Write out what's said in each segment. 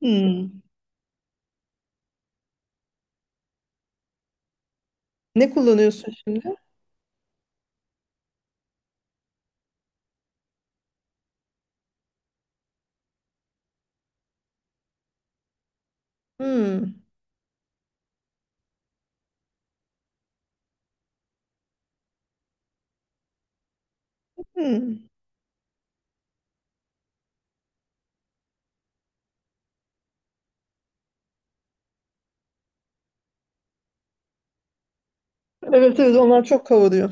Hmm. Ne kullanıyorsun şimdi? Hmm. Hmm. Evet evet onlar çok kavuruyor.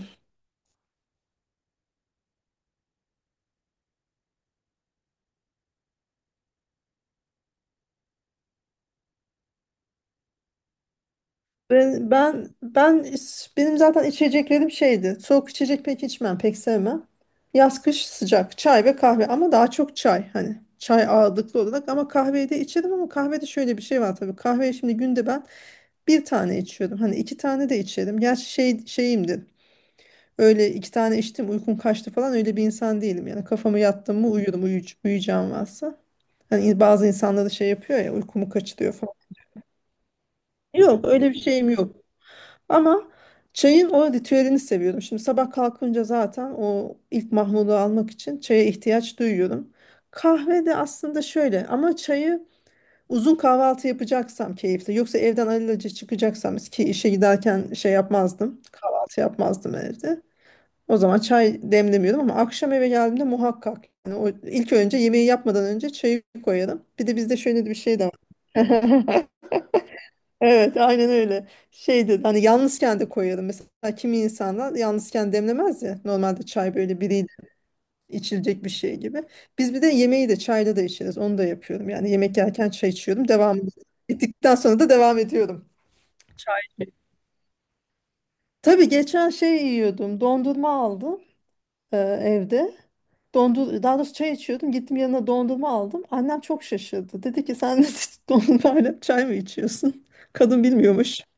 Ben benim zaten içeceklerim şeydi. Soğuk içecek pek içmem, pek sevmem. Yaz kış sıcak çay ve kahve ama daha çok çay hani çay ağırlıklı olarak ama kahveyi de içerim ama kahvede şöyle bir şey var tabii. Kahveyi şimdi günde ben bir tane içiyorum. Hani iki tane de içerim. Gerçi şey, şeyimdir. Öyle iki tane içtim uykum kaçtı falan öyle bir insan değilim. Yani kafamı yattım mı uyurum uyuyacağım varsa. Hani bazı insanlar da şey yapıyor ya uykumu kaçırıyor falan. Yok öyle bir şeyim yok. Ama çayın o ritüelini seviyorum. Şimdi sabah kalkınca zaten o ilk mahmudu almak için çaya ihtiyaç duyuyorum. Kahve de aslında şöyle ama çayı uzun kahvaltı yapacaksam keyifli. Yoksa evden alelacele çıkacaksam ki işe giderken şey yapmazdım. Kahvaltı yapmazdım evde. O zaman çay demlemiyordum ama akşam eve geldiğimde muhakkak. Yani o ilk önce yemeği yapmadan önce çayı koyarım. Bir de bizde şöyle bir şey de var. Evet, aynen öyle. Şeydi hani yalnızken de koyarım. Mesela kimi insanlar yalnızken demlemez ya. Normalde çay böyle biriyle içilecek bir şey gibi. Biz bir de yemeği de çayla da içeriz. Onu da yapıyorum. Yani yemek yerken çay içiyorum. Devam ettikten sonra da devam ediyorum. Tabii geçen şey yiyordum. Dondurma aldım evde. Dondur daha doğrusu çay içiyordum. Gittim yanına dondurma aldım. Annem çok şaşırdı. Dedi ki sen dedi, dondurmayla çay mı içiyorsun? Kadın bilmiyormuş.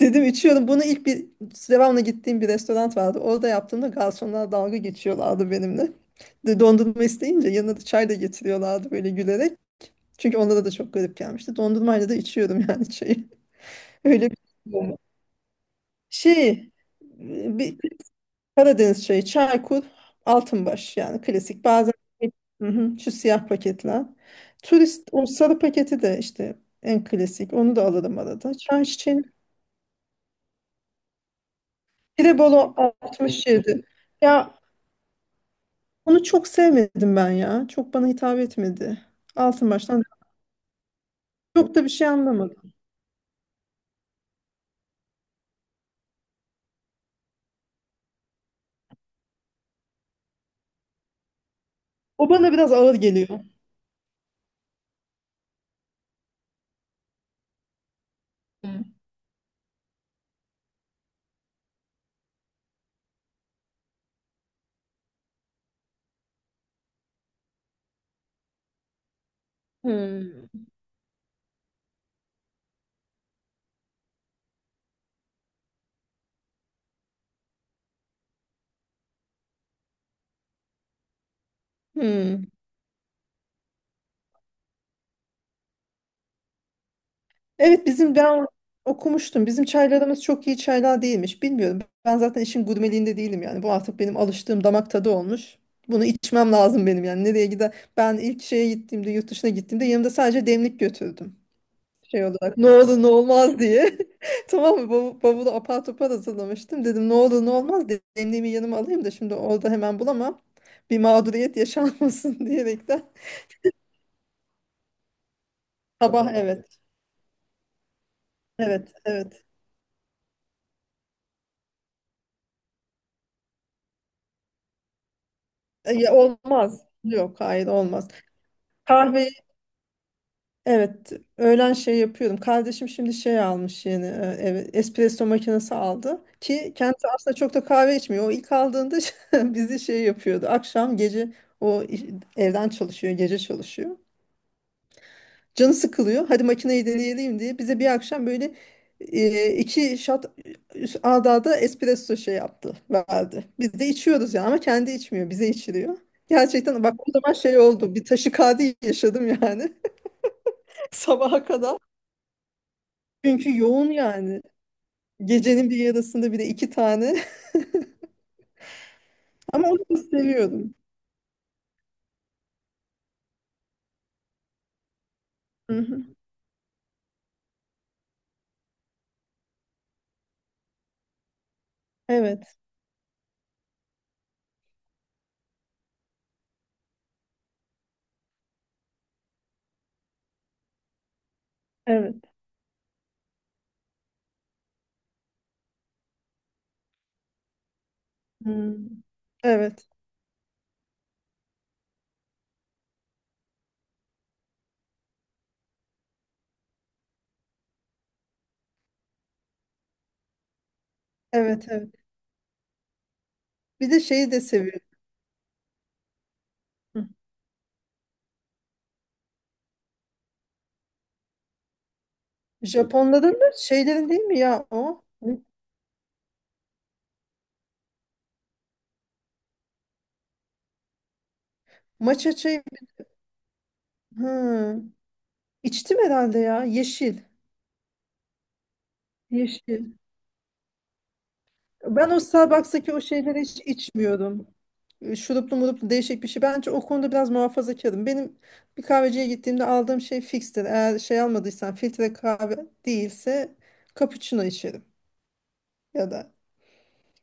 Dedim içiyorum. Bunu ilk bir devamlı gittiğim bir restoran vardı. Orada yaptığımda garsonlar dalga geçiyorlardı benimle. Dondurma isteyince yanına da çay da getiriyorlardı böyle gülerek. Çünkü onlara da çok garip gelmişti. Dondurmayla da içiyorum yani çayı. Öyle bir şey. Şey, bir, Karadeniz çayı, Çaykur, Altınbaş yani klasik. Bazen hı hı, şu siyah paketler. Turist o sarı paketi de işte en klasik. Onu da alırım arada. Çay çiçeğini. Tirebolo 67. Ya onu çok sevmedim ben ya. Çok bana hitap etmedi. Altın baştan çok da bir şey anlamadım. O bana biraz ağır geliyor. Hmm. Hmm. Evet bizim ben okumuştum. Bizim çaylarımız çok iyi çaylar değilmiş. Bilmiyorum. Ben zaten işin gurmeliğinde değilim yani. Bu artık benim alıştığım damak tadı olmuş. Bunu içmem lazım benim yani. Nereye gider? Ben ilk şeye gittiğimde, yurt dışına gittiğimde yanımda sadece demlik götürdüm. Şey olarak ne olur ne olmaz diye. Tamam mı? Bavulu apar topar hazırlamıştım. Dedim ne olur ne olmaz demliğimi yanıma alayım da şimdi orada hemen bulamam. Bir mağduriyet yaşanmasın diyerekten. Sabah evet. Evet. Evet. Ya, olmaz. Yok hayır olmaz. Kahve evet öğlen şey yapıyordum. Kardeşim şimdi şey almış yeni eve espresso makinesi aldı ki kendisi aslında çok da kahve içmiyor. O ilk aldığında bizi şey yapıyordu. Akşam gece o iş- evden çalışıyor, gece çalışıyor. Canı sıkılıyor. Hadi makineyi deneyelim diye bize bir akşam böyle iki shot ard arda espresso şey yaptı, verdi. Biz de içiyoruz yani ama kendi içmiyor, bize içiriyor. Gerçekten bak o zaman şey oldu. Bir taşikardi yaşadım yani. Sabaha kadar. Çünkü yoğun yani. Gecenin bir yarısında bir de iki tane. Ama onu da seviyordum. Hı hı. Evet. Evet. Hmm. Evet. Evet. Evet. Bir de şeyi de seviyorum. Hı. Japonların da şeylerin değil mi ya o? Ne? Matcha çayı. Hı. İçtim herhalde ya. Yeşil. Yeşil. Ben o Starbucks'taki o şeyleri hiç içmiyordum. Şuruplu muruplu değişik bir şey. Bence o konuda biraz muhafazakarım. Benim bir kahveciye gittiğimde aldığım şey fikstir. Eğer şey almadıysam filtre kahve değilse cappuccino içerim. Ya da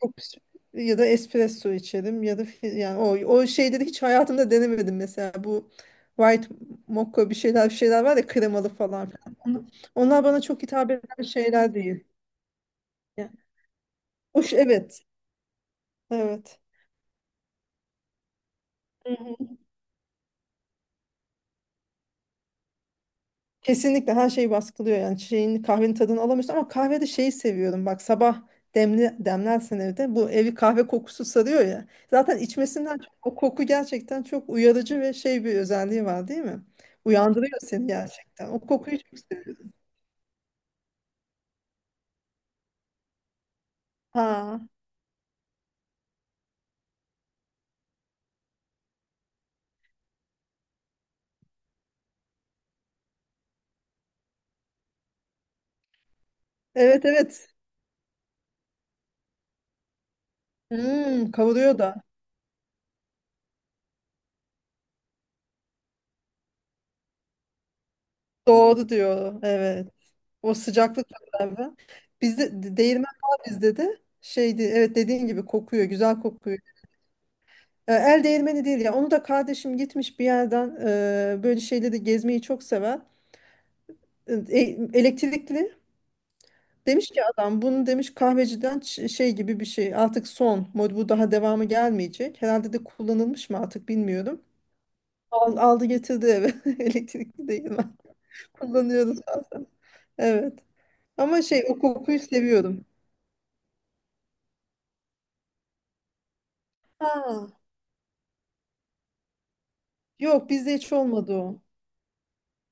çok- pis- ya da espresso içerim ya da yani o şeyleri hiç hayatımda denemedim mesela bu white mocha bir şeyler bir şeyler var ya kremalı falan filan. Onlar bana çok hitap eden şeyler değil. Yani, hoş evet. Evet. Kesinlikle her şey baskılıyor yani şeyin kahvenin tadını alamıyorsun ama kahvede şeyi seviyorum bak sabah demli demlersen evde bu evi kahve kokusu sarıyor ya zaten içmesinden çok, o koku gerçekten çok uyarıcı ve şey bir özelliği var değil mi? Uyandırıyor seni gerçekten o kokuyu çok seviyorum. Ha evet evet hmm, kavuruyor da doğru diyor evet o sıcaklık beraber bizde değirmen var bizde de şeydi evet dediğin gibi kokuyor güzel kokuyor. El değirmeni değil ya. Onu da kardeşim gitmiş bir yerden böyle şeyleri gezmeyi çok sever. E, elektrikli. Demiş ki adam bunu demiş kahveciden şey gibi bir şey. Artık son mod bu daha devamı gelmeyecek. Herhalde de kullanılmış mı artık bilmiyorum. Aldı getirdi eve. Elektrikli değil mi? Kullanıyoruz bazen. Evet. Ama şey o kokuyu seviyorum. Ha. Yok bizde hiç olmadı o.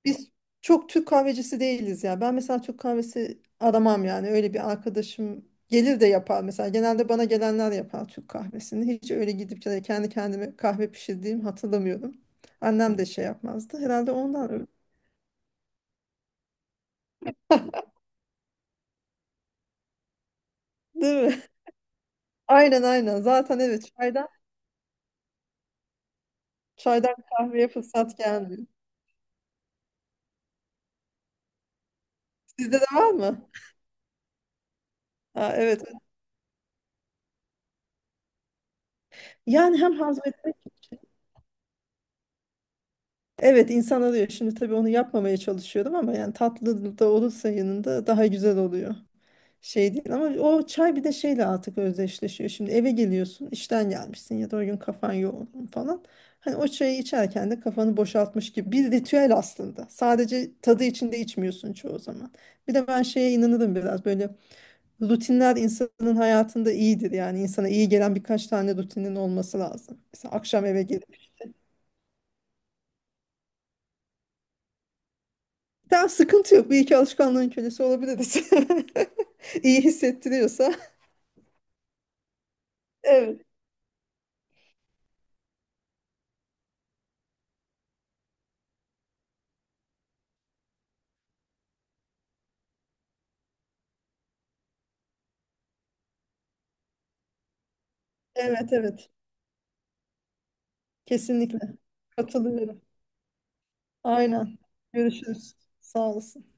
Biz çok Türk kahvecisi değiliz ya. Ben mesela Türk kahvesi aramam yani. Öyle bir arkadaşım gelir de yapar mesela. Genelde bana gelenler yapar Türk kahvesini. Hiç öyle gidip de kendi kendime kahve pişirdiğim hatırlamıyorum. Annem de şey yapmazdı. Herhalde ondan öyle. Değil mi? Aynen aynen. Zaten evet çaydan kahveye fırsat gelmiyor. Sizde de var mı? Ha, evet. Yani hem hazmetmek için. Evet insan arıyor. Şimdi tabii onu yapmamaya çalışıyorum ama yani tatlı da olursa yanında daha güzel oluyor. Şey değil ama o çay bir de şeyle artık özdeşleşiyor. Şimdi eve geliyorsun, işten gelmişsin ya da o gün kafan yoğun falan. Hani o çayı içerken de kafanı boşaltmış gibi bir ritüel aslında. Sadece tadı için de içmiyorsun çoğu zaman. Bir de ben şeye inanırım biraz böyle rutinler insanın hayatında iyidir. Yani insana iyi gelen birkaç tane rutinin olması lazım. Mesela akşam eve gelip işte. Tamam sıkıntı yok. Bir iki alışkanlığın kölesi olabiliriz. İyi hissettiriyorsa. Evet. Evet evet. Kesinlikle. Katılıyorum. Aynen. Görüşürüz. Sağ olasın.